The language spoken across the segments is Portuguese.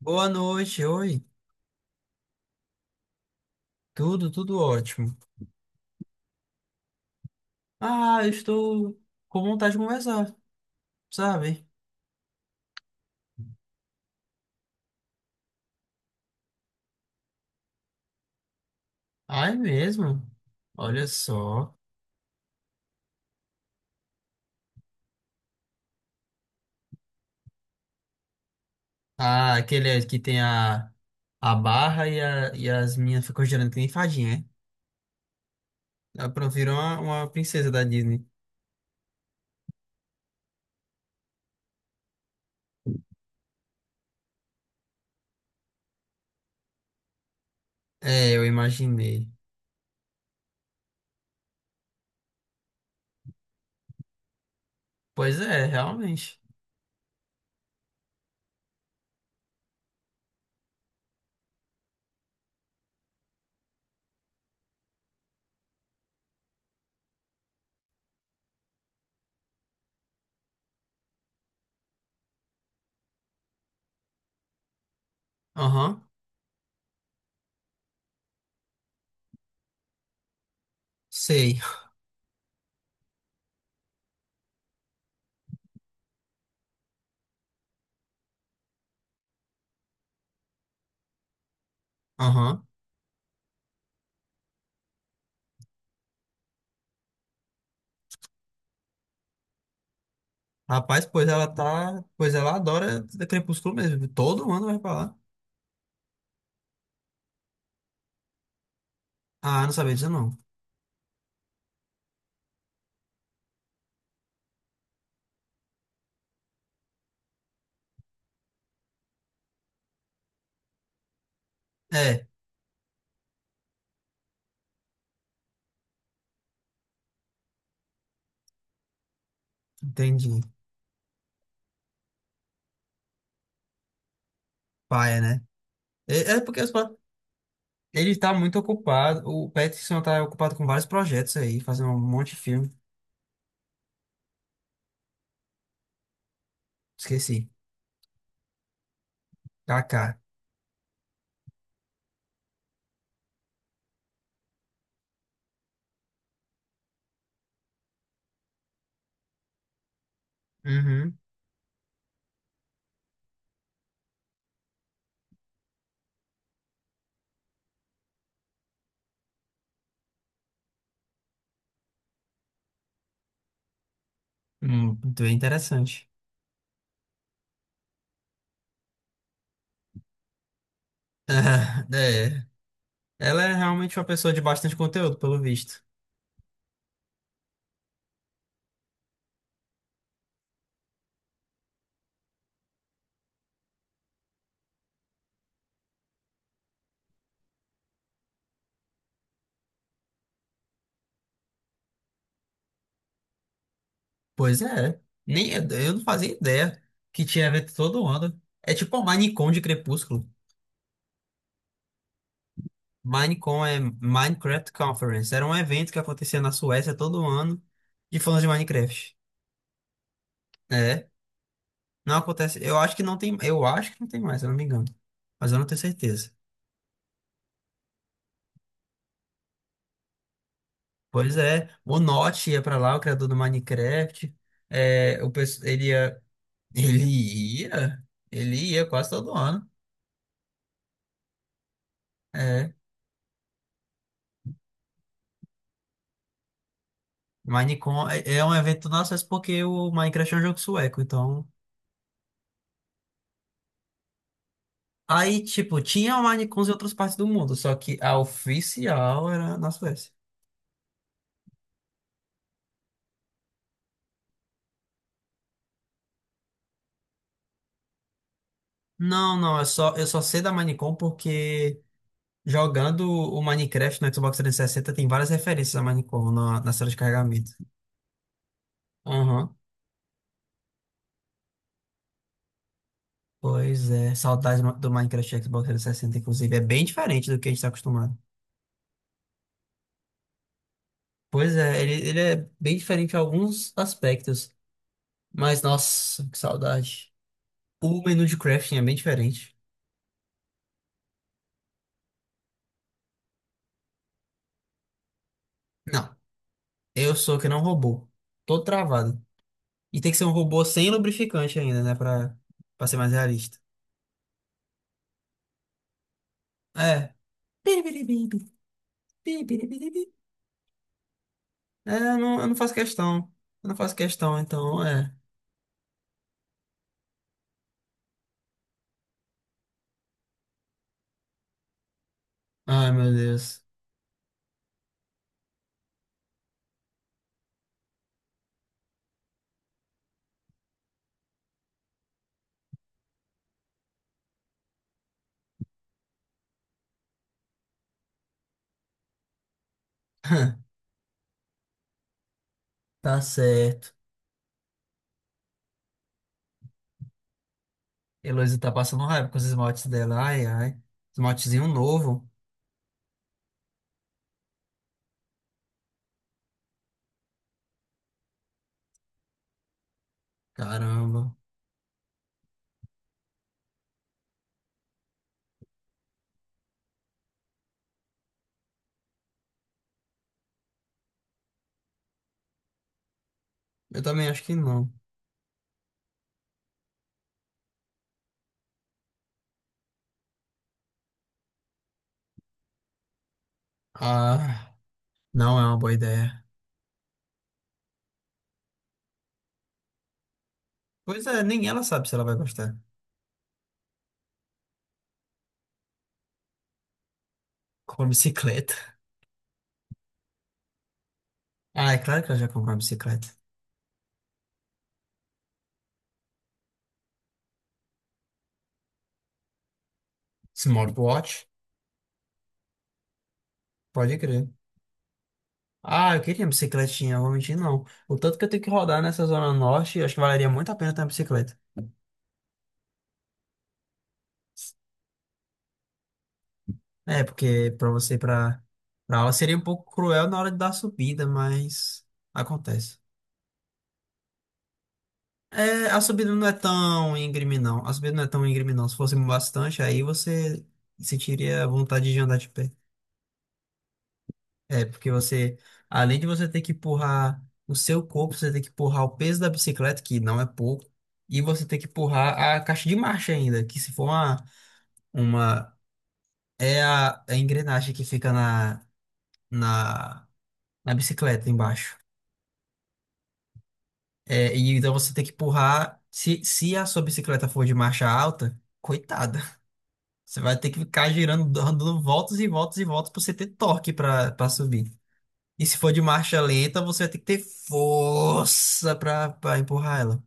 Boa noite, oi. Tudo, ótimo. Ah, eu estou com vontade de conversar, sabe? Ah, é mesmo? Olha só. Ah, aquele que tem a barra e, e as minhas ficam girando que nem fadinha, né? Ela virou uma princesa da Disney. É, eu imaginei. Pois é, realmente. Aham, sei. Aham. Rapaz, pois ela tá. Pois ela adora Crepúsculo mesmo. Todo mundo vai pra lá. Ah, não sabia disso não. É, entendi. Paia, né? É porque os ele tá muito ocupado. O Pattinson tá ocupado com vários projetos aí, fazendo um monte de filme. Esqueci. KK. Uhum. Bem interessante. É. Ela é realmente uma pessoa de bastante conteúdo, pelo visto. Pois é. Nem, eu não fazia ideia que tinha evento todo ano. É tipo a Minecon de Crepúsculo. Minecon é Minecraft Conference. Era um evento que acontecia na Suécia todo ano de fãs de Minecraft. É. Não acontece. Eu acho que não tem. Eu acho que não tem mais, se eu não me engano. Mas eu não tenho certeza. Pois é, o Notch ia pra lá, o criador do Minecraft. É, ele ia. Ele ia. Ele ia quase todo ano. É. Minecon é um evento nosso, mas porque o Minecraft é um jogo sueco, então. Aí, tipo, tinha o Minecons em outras partes do mundo, só que a oficial era na Suécia. Não, não, eu só sei da Minecon porque jogando o Minecraft no Xbox 360 tem várias referências a Minecraft na sala de carregamento. Aham. Pois é, saudades do Minecraft e Xbox 360, inclusive. É bem diferente do que a gente está acostumado. Pois é, ele é bem diferente em alguns aspectos. Mas, nossa, que saudade. O menu de crafting é bem diferente. Não, eu sou que não robô. Tô travado. E tem que ser um robô sem lubrificante ainda, né? Pra ser mais realista. É. Eu não faço questão. Eu não faço questão, então, é. Ai, meu Deus. Tá certo. Heloísa tá passando raiva com os esmaltes dela. Ai, ai. Esmaltezinho novo. Caramba. Eu também acho que não. Ah, não é uma boa ideia. Pois é, nem ela sabe se ela vai gostar. Comprou bicicleta. Ah, é claro que ela já comprou uma bicicleta. Smartwatch? Pode crer. Ah, eu queria uma bicicletinha, eu vou mentir, não. O tanto que eu tenho que rodar nessa zona norte, acho que valeria muito a pena ter uma bicicleta. É, porque pra você, pra aula seria um pouco cruel na hora da subida, mas acontece. É, a subida não é tão íngreme, não. A subida não é tão íngreme, não. Se fosse bastante, aí você sentiria vontade de andar de pé. É, porque você, além de você ter que empurrar o seu corpo, você tem que empurrar o peso da bicicleta, que não é pouco, e você tem que empurrar a caixa de marcha ainda, que se for uma, é a engrenagem que fica na, na bicicleta embaixo. É, e então você tem que empurrar. Se a sua bicicleta for de marcha alta, coitada. Você vai ter que ficar girando, dando voltas e voltas e voltas para você ter torque para subir. E se for de marcha lenta, você vai ter que ter força para empurrar ela.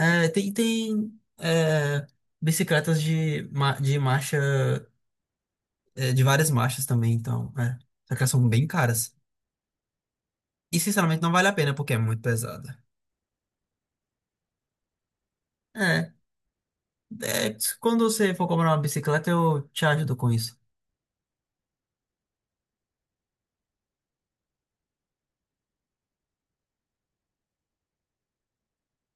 É, tem tem é, bicicletas de, de marcha, é, de várias marchas também, então. É. Só que elas são bem caras. E sinceramente não vale a pena porque é muito pesada. É. É, quando você for comprar uma bicicleta, eu te ajudo com isso.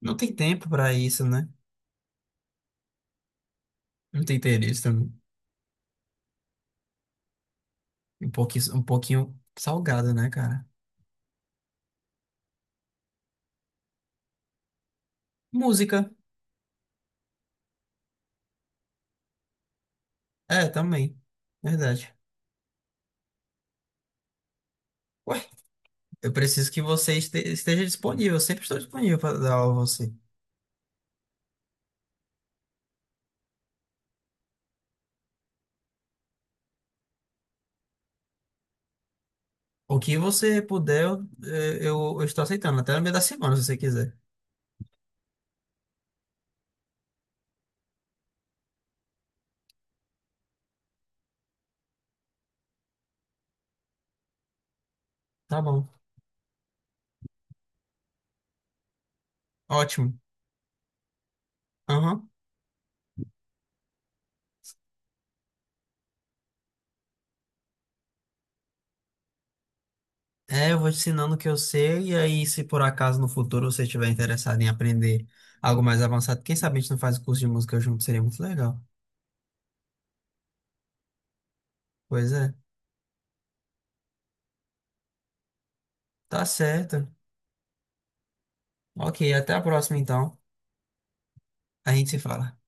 Não tem tempo pra isso, né? Não tem interesse também. Um pouquinho salgado, né, cara? Música. É, também. Verdade. Ué, eu preciso que você esteja disponível. Eu sempre estou disponível para dar aula a você. O que você puder, eu, é, eu estou aceitando. Até no meio da semana, se você quiser. Tá bom. Ótimo. Aham. É, eu vou te ensinando o que eu sei, e aí, se por acaso no futuro você estiver interessado em aprender algo mais avançado, quem sabe a gente não faz o curso de música junto, seria muito legal. Pois é, tá certo. Ok, até a próxima então. A gente se fala.